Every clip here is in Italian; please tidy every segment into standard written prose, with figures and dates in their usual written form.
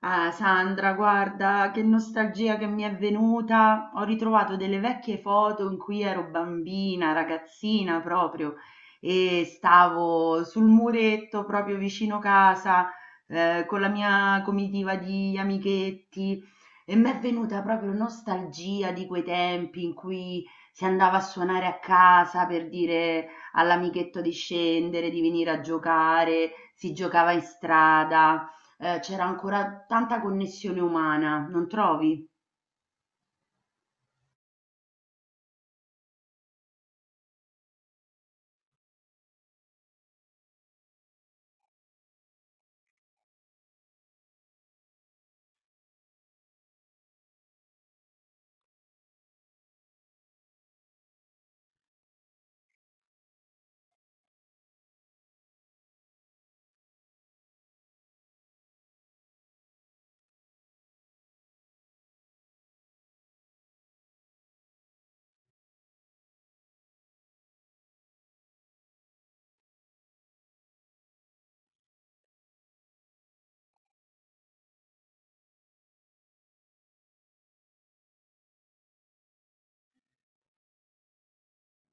Ah, Sandra, guarda, che nostalgia che mi è venuta. Ho ritrovato delle vecchie foto in cui ero bambina, ragazzina proprio, e stavo sul muretto proprio vicino casa, con la mia comitiva di amichetti e mi è venuta proprio nostalgia di quei tempi in cui si andava a suonare a casa per dire all'amichetto di scendere, di venire a giocare, si giocava in strada. C'era ancora tanta connessione umana, non trovi?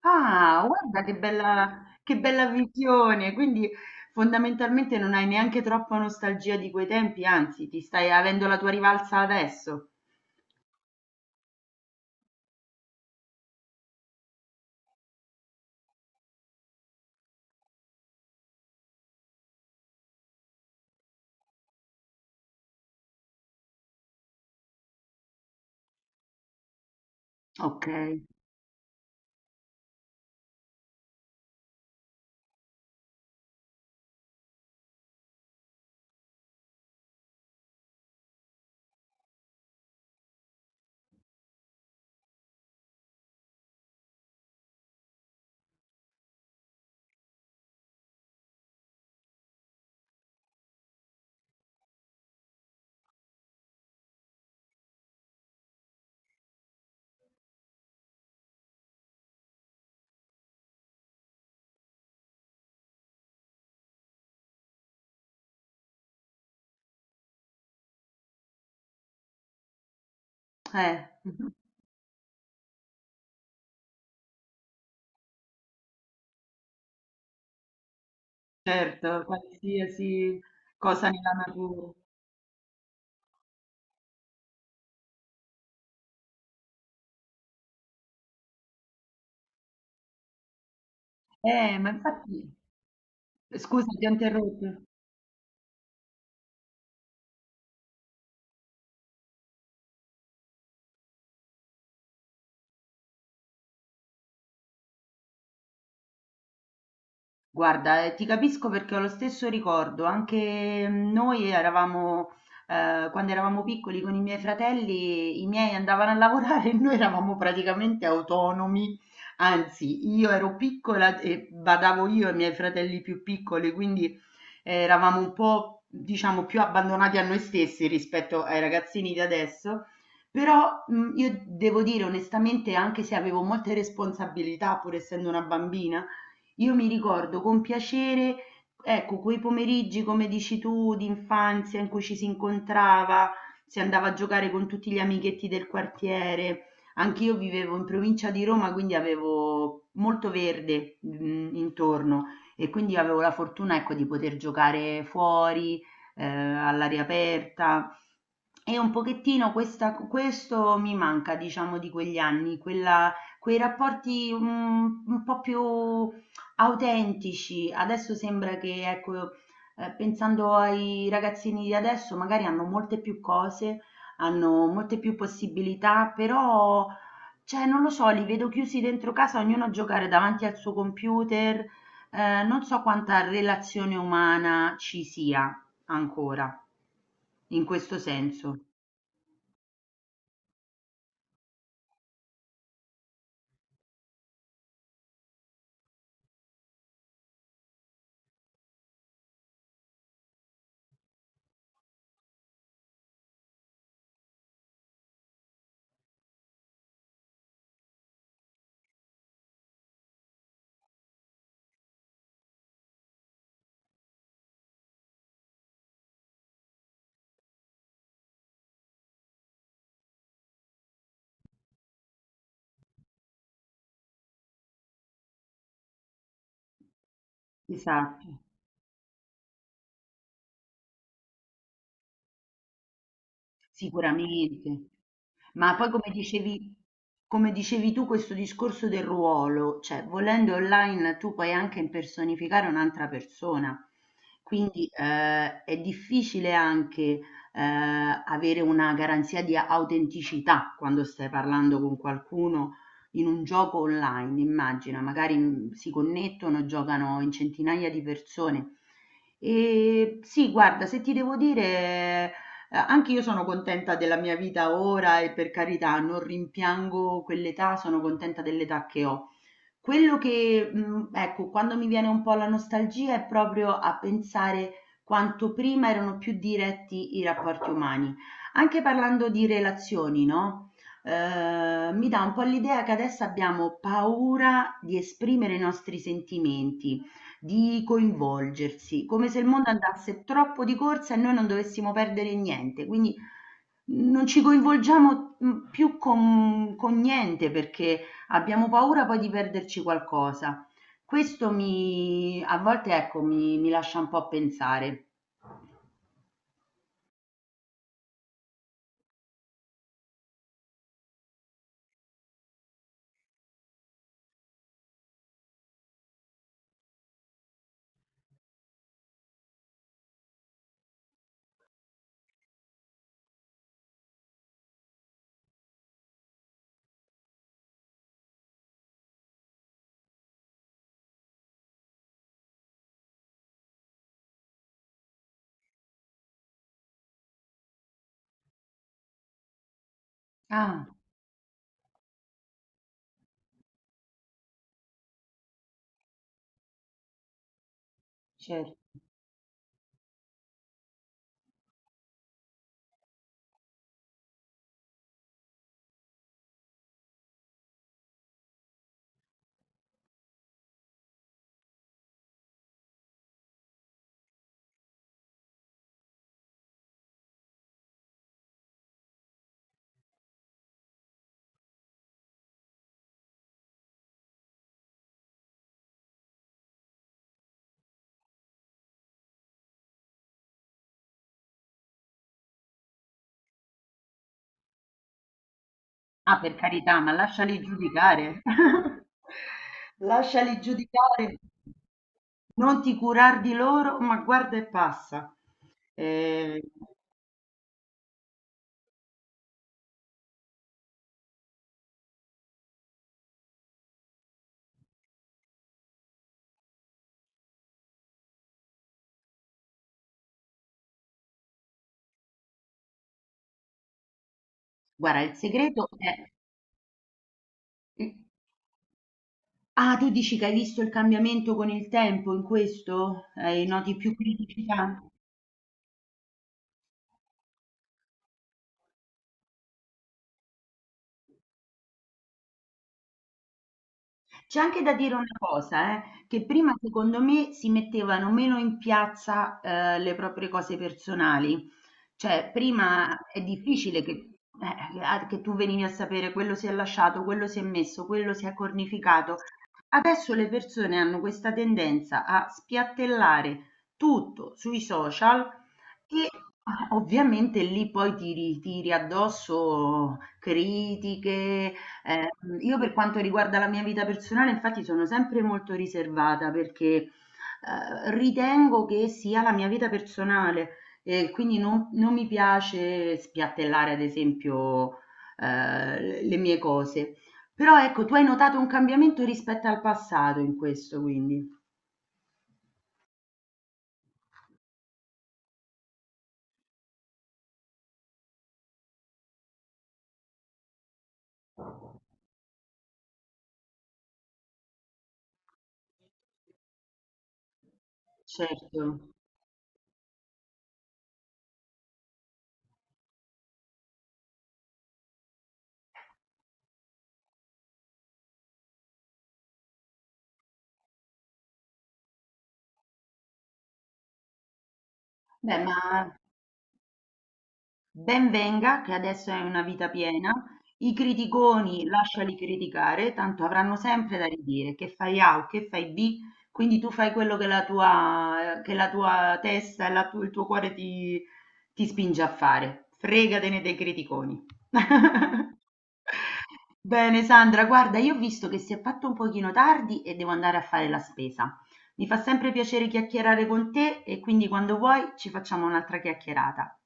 Ah, guarda che bella, che bella visione! Quindi fondamentalmente non hai neanche troppa nostalgia di quei tempi, anzi, ti stai avendo la tua rivalsa adesso. Okay. Eh, certo, qualsiasi cosa nella natura. Ma infatti scusa, ti ho interrotto. Guarda, ti capisco perché ho lo stesso ricordo, anche mm, noi eravamo, quando eravamo piccoli con i miei fratelli, i miei andavano a lavorare e noi eravamo praticamente autonomi, anzi io ero piccola e badavo io ai miei fratelli più piccoli, quindi eravamo un po', diciamo, più abbandonati a noi stessi rispetto ai ragazzini di adesso, però mm, io devo dire onestamente, anche se avevo molte responsabilità, pur essendo una bambina, io mi ricordo con piacere, ecco, quei pomeriggi, come dici tu, di infanzia in cui ci si incontrava, si andava a giocare con tutti gli amichetti del quartiere. Anch'io vivevo in provincia di Roma, quindi avevo molto verde, intorno, e quindi avevo la fortuna, ecco, di poter giocare fuori, all'aria aperta. E un pochettino questo mi manca, diciamo, di quegli anni, quei rapporti mm, un po' più autentici. Adesso sembra che, ecco, pensando ai ragazzini di adesso, magari hanno molte più cose, hanno molte più possibilità, però, cioè, non lo so, li vedo chiusi dentro casa, ognuno a giocare davanti al suo computer. Non so quanta relazione umana ci sia ancora in questo senso. Esatto. Sicuramente, ma poi come dicevi, come dicevi tu questo discorso del ruolo, cioè volendo online tu puoi anche impersonificare un'altra persona, quindi è difficile anche eh, avere una garanzia di autenticità quando stai parlando con qualcuno in un gioco online, immagina, magari mm, si connettono, giocano in centinaia di persone. E sì, guarda, se ti devo dire, anche io sono contenta della mia vita ora e per carità, non rimpiango quell'età, sono contenta dell'età che ho. Quello che, ecco, quando mi viene un po' la nostalgia è proprio a pensare quanto prima erano più diretti i rapporti umani. Anche parlando di relazioni, no? Mi dà un po' l'idea che adesso abbiamo paura di esprimere i nostri sentimenti. Di coinvolgersi, come se il mondo andasse troppo di corsa e noi non dovessimo perdere niente, quindi non ci coinvolgiamo, mhmm, più con niente perché abbiamo paura poi di perderci qualcosa. Questo mi a volte ecco, mi lascia un po' pensare. Ah, cer Ah, per carità, ma lasciali giudicare. Lasciali giudicare. Non ti curar di loro, ma guarda e passa. Ehm Guarda, il segreto è eh, ah, tu dici che hai visto il cambiamento con il tempo in questo? Noti più criticità? C'è anche da dire una cosa, che prima secondo me si mettevano meno in piazza, le proprie cose personali. Cioè, prima è difficile che, che tu venivi a sapere quello si è lasciato, quello si è messo, quello si è cornificato. Adesso le persone hanno questa tendenza a spiattellare tutto sui social e ovviamente lì poi ti ritiri addosso critiche. Io per quanto riguarda la mia vita personale, infatti, sono sempre molto riservata perché, ritengo che sia la mia vita personale e quindi non mi piace spiattellare, ad esempio, le mie cose. Però ecco, tu hai notato un cambiamento rispetto al passato in questo quindi. Certo. Beh, ma ben venga, che adesso hai una vita piena, i criticoni lasciali criticare, tanto avranno sempre da ridire, che fai A o che fai B, quindi tu fai quello che la tua testa e il tuo cuore ti, ti spinge a fare. Fregatene dei criticoni. Bene, Sandra, guarda, io ho visto che si è fatto un pochino tardi e devo andare a fare la spesa. Mi fa sempre piacere chiacchierare con te e quindi quando vuoi ci facciamo un'altra chiacchierata.